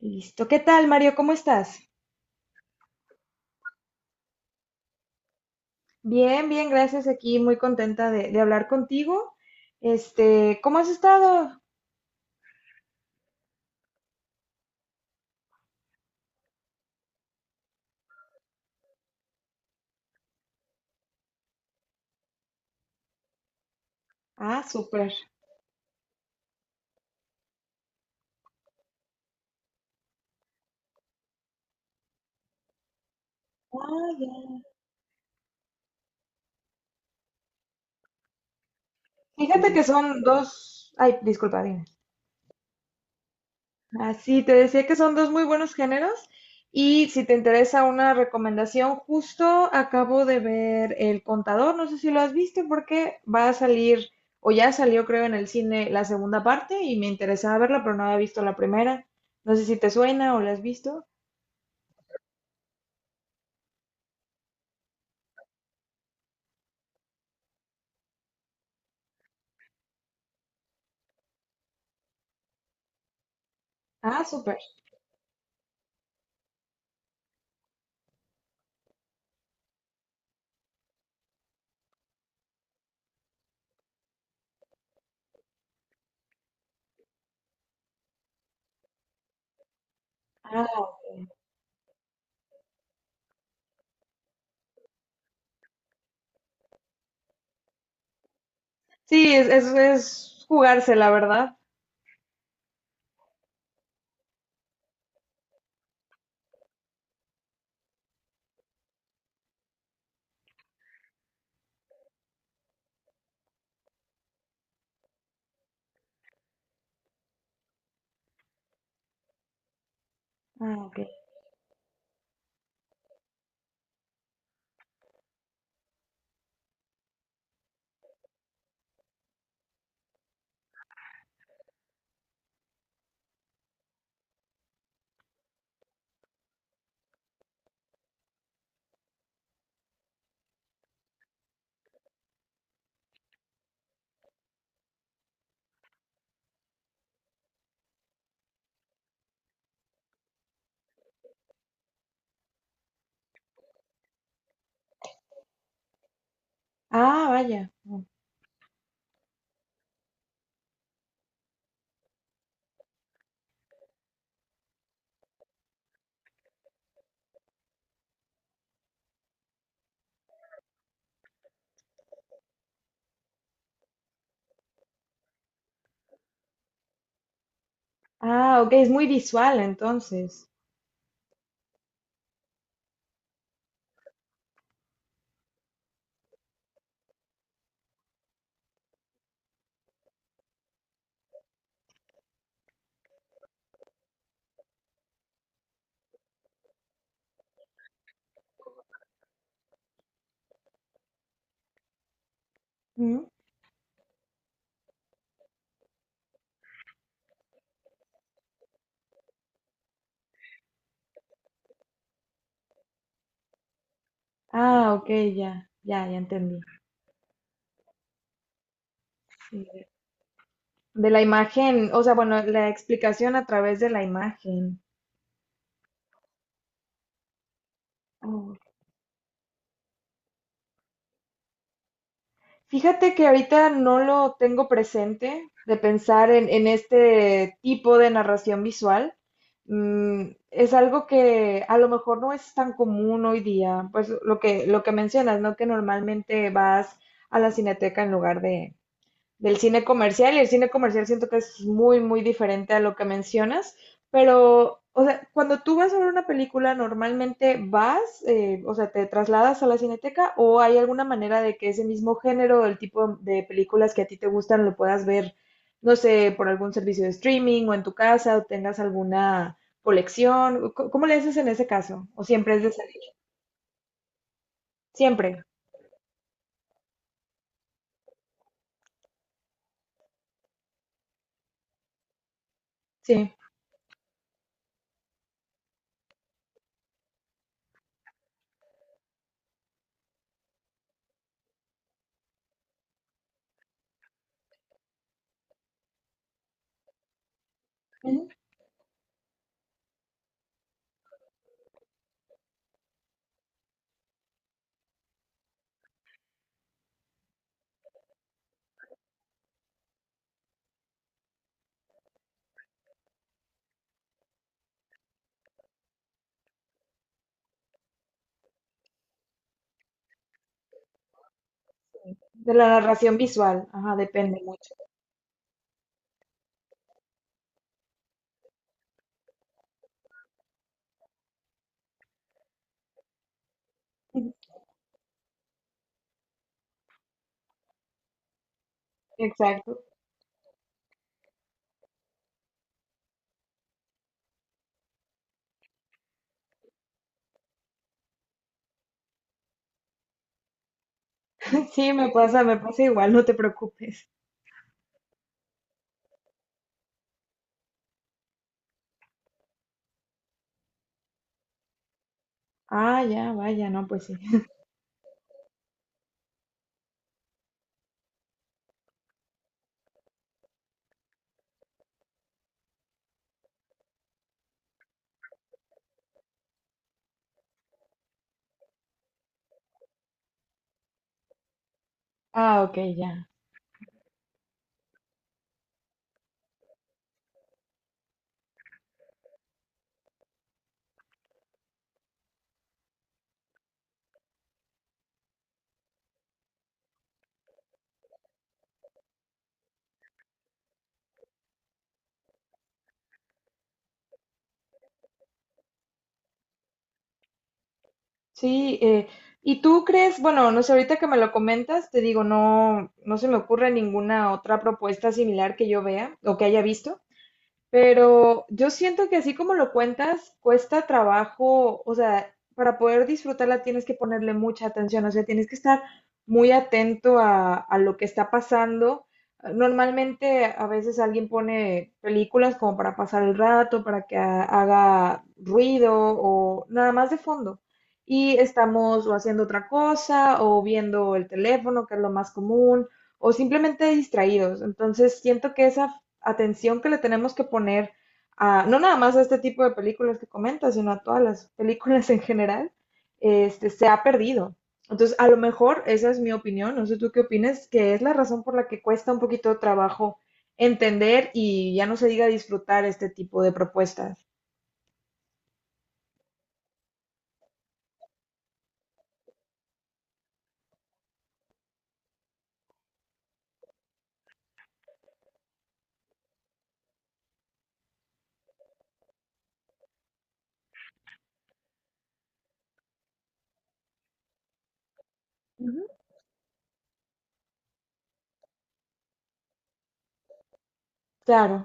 Listo. ¿Qué tal, Mario? ¿Cómo estás? Bien, bien, gracias. Aquí muy contenta de hablar contigo. Este, ¿cómo has estado? Ah, súper. Ah, ya. Fíjate que son dos. Ay, disculpa, dime. Ah, sí, te decía que son dos muy buenos géneros. Y si te interesa una recomendación, justo acabo de ver El Contador. No sé si lo has visto, porque va a salir, o ya salió, creo, en el cine la segunda parte y me interesaba verla, pero no había visto la primera. No sé si te suena o la has visto. Ah, súper. Ah, sí, es jugársela, ¿verdad? Ah, ok. Ah, vaya. Ah, ok, es muy visual entonces. Ujú. Ah, ok, ya, ya, ya entendí. Sí. De la imagen, o sea, bueno, la explicación a través de la imagen. Fíjate que ahorita no lo tengo presente de pensar en este tipo de narración visual. Mm, es algo que a lo mejor no es tan común hoy día, pues lo que mencionas, ¿no? Que normalmente vas a la cineteca en lugar del cine comercial, y el cine comercial siento que es muy diferente a lo que mencionas, pero, o sea, cuando tú vas a ver una película, normalmente vas, o sea, te trasladas a la cineteca o hay alguna manera de que ese mismo género o el tipo de películas que a ti te gustan lo puedas ver, no sé, por algún servicio de streaming o en tu casa o tengas alguna colección. ¿Cómo le haces en ese caso? ¿O siempre es de salir? Siempre, sí. Ujú. De la narración visual, ajá, depende mucho. Ujú. Exacto. Sí, me pasa igual, no te preocupes. Ah, ya, vaya, no, pues sí. Ah, ok, ya. Sí, ¿y tú crees? Bueno, no sé, ahorita que me lo comentas, te digo, no, no se me ocurre ninguna otra propuesta similar que yo vea o que haya visto. Pero yo siento que así como lo cuentas, cuesta trabajo, o sea, para poder disfrutarla tienes que ponerle mucha atención, o sea, tienes que estar muy atento a lo que está pasando. Normalmente a veces alguien pone películas como para pasar el rato, para que haga ruido o nada más de fondo. Y estamos o haciendo otra cosa o viendo el teléfono, que es lo más común, o simplemente distraídos. Entonces siento que esa atención que le tenemos que poner a, no nada más a este tipo de películas que comentas, sino a todas las películas en general, este, se ha perdido. Entonces, a lo mejor esa es mi opinión, no sé tú qué opinas, que es la razón por la que cuesta un poquito de trabajo entender y ya no se diga disfrutar este tipo de propuestas. Ujú. Claro,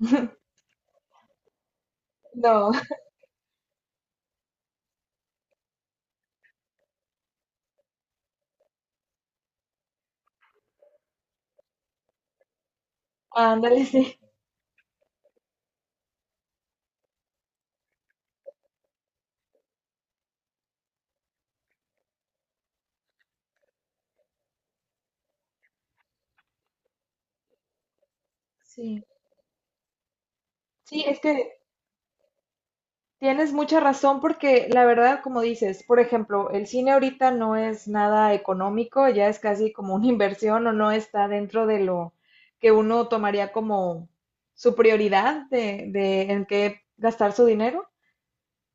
no, ándale, sí. Sí. Sí, es que tienes mucha razón, porque la verdad, como dices, por ejemplo, el cine ahorita no es nada económico, ya es casi como una inversión o no está dentro de lo que uno tomaría como su prioridad de en qué gastar su dinero.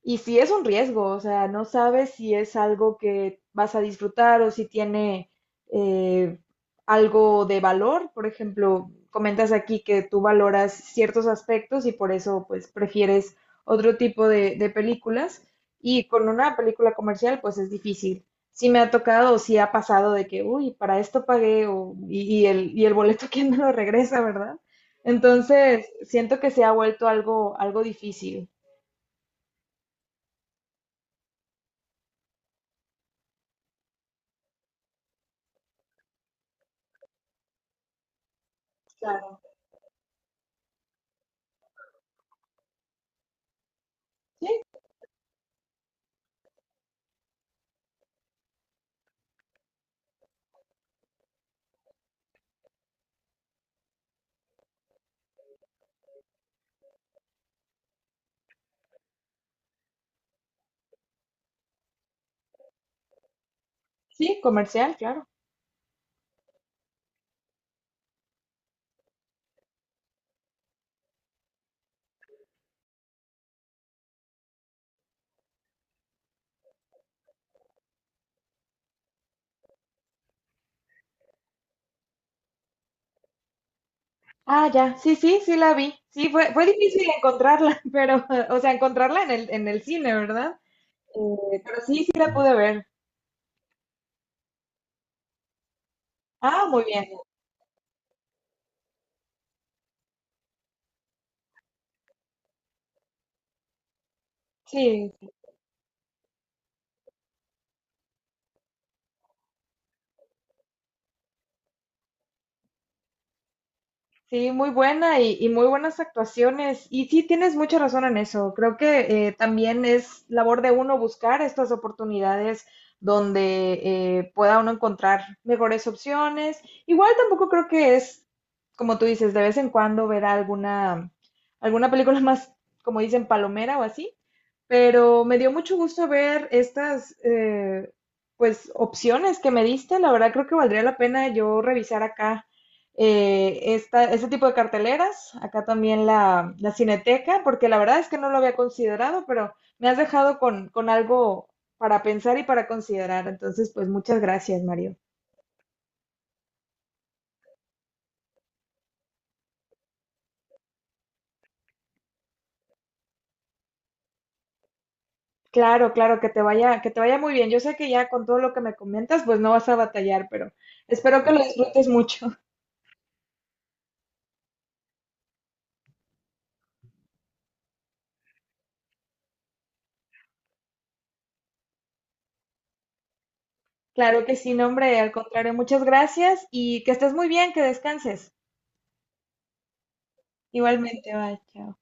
Y sí es un riesgo, o sea, no sabes si es algo que vas a disfrutar o si tiene eh, algo de valor. Por ejemplo, comentas aquí que tú valoras ciertos aspectos y por eso pues prefieres otro tipo de películas. Y con una película comercial pues es difícil. Sí me ha tocado o sí ha pasado de que, uy, para esto pagué y el boleto quién me lo regresa, ¿verdad? Entonces, siento que se ha vuelto algo, algo difícil. Sí, comercial, claro. Ah, ya, sí, sí, sí la vi. Sí, fue difícil encontrarla, pero, o sea, encontrarla en el cine, ¿verdad? Pero sí, sí la pude ver. Ah, muy bien. Sí. Sí, muy buena y muy buenas actuaciones. Y sí, tienes mucha razón en eso. Creo que también es labor de uno buscar estas oportunidades donde pueda uno encontrar mejores opciones. Igual tampoco creo que es, como tú dices, de vez en cuando ver alguna, alguna película más, como dicen, palomera o así. Pero me dio mucho gusto ver estas pues opciones que me diste. La verdad creo que valdría la pena yo revisar acá esta, este tipo de carteleras, acá también la Cineteca, porque la verdad es que no lo había considerado, pero me has dejado con algo para pensar y para considerar. Entonces, pues muchas gracias, Mario. Claro, claro, que te vaya muy bien. Yo sé que ya con todo lo que me comentas, pues no vas a batallar, pero espero que lo disfrutes mucho. Claro que sí, no, hombre, al contrario, muchas gracias y que estés muy bien, que descanses. Igualmente, bye, chao.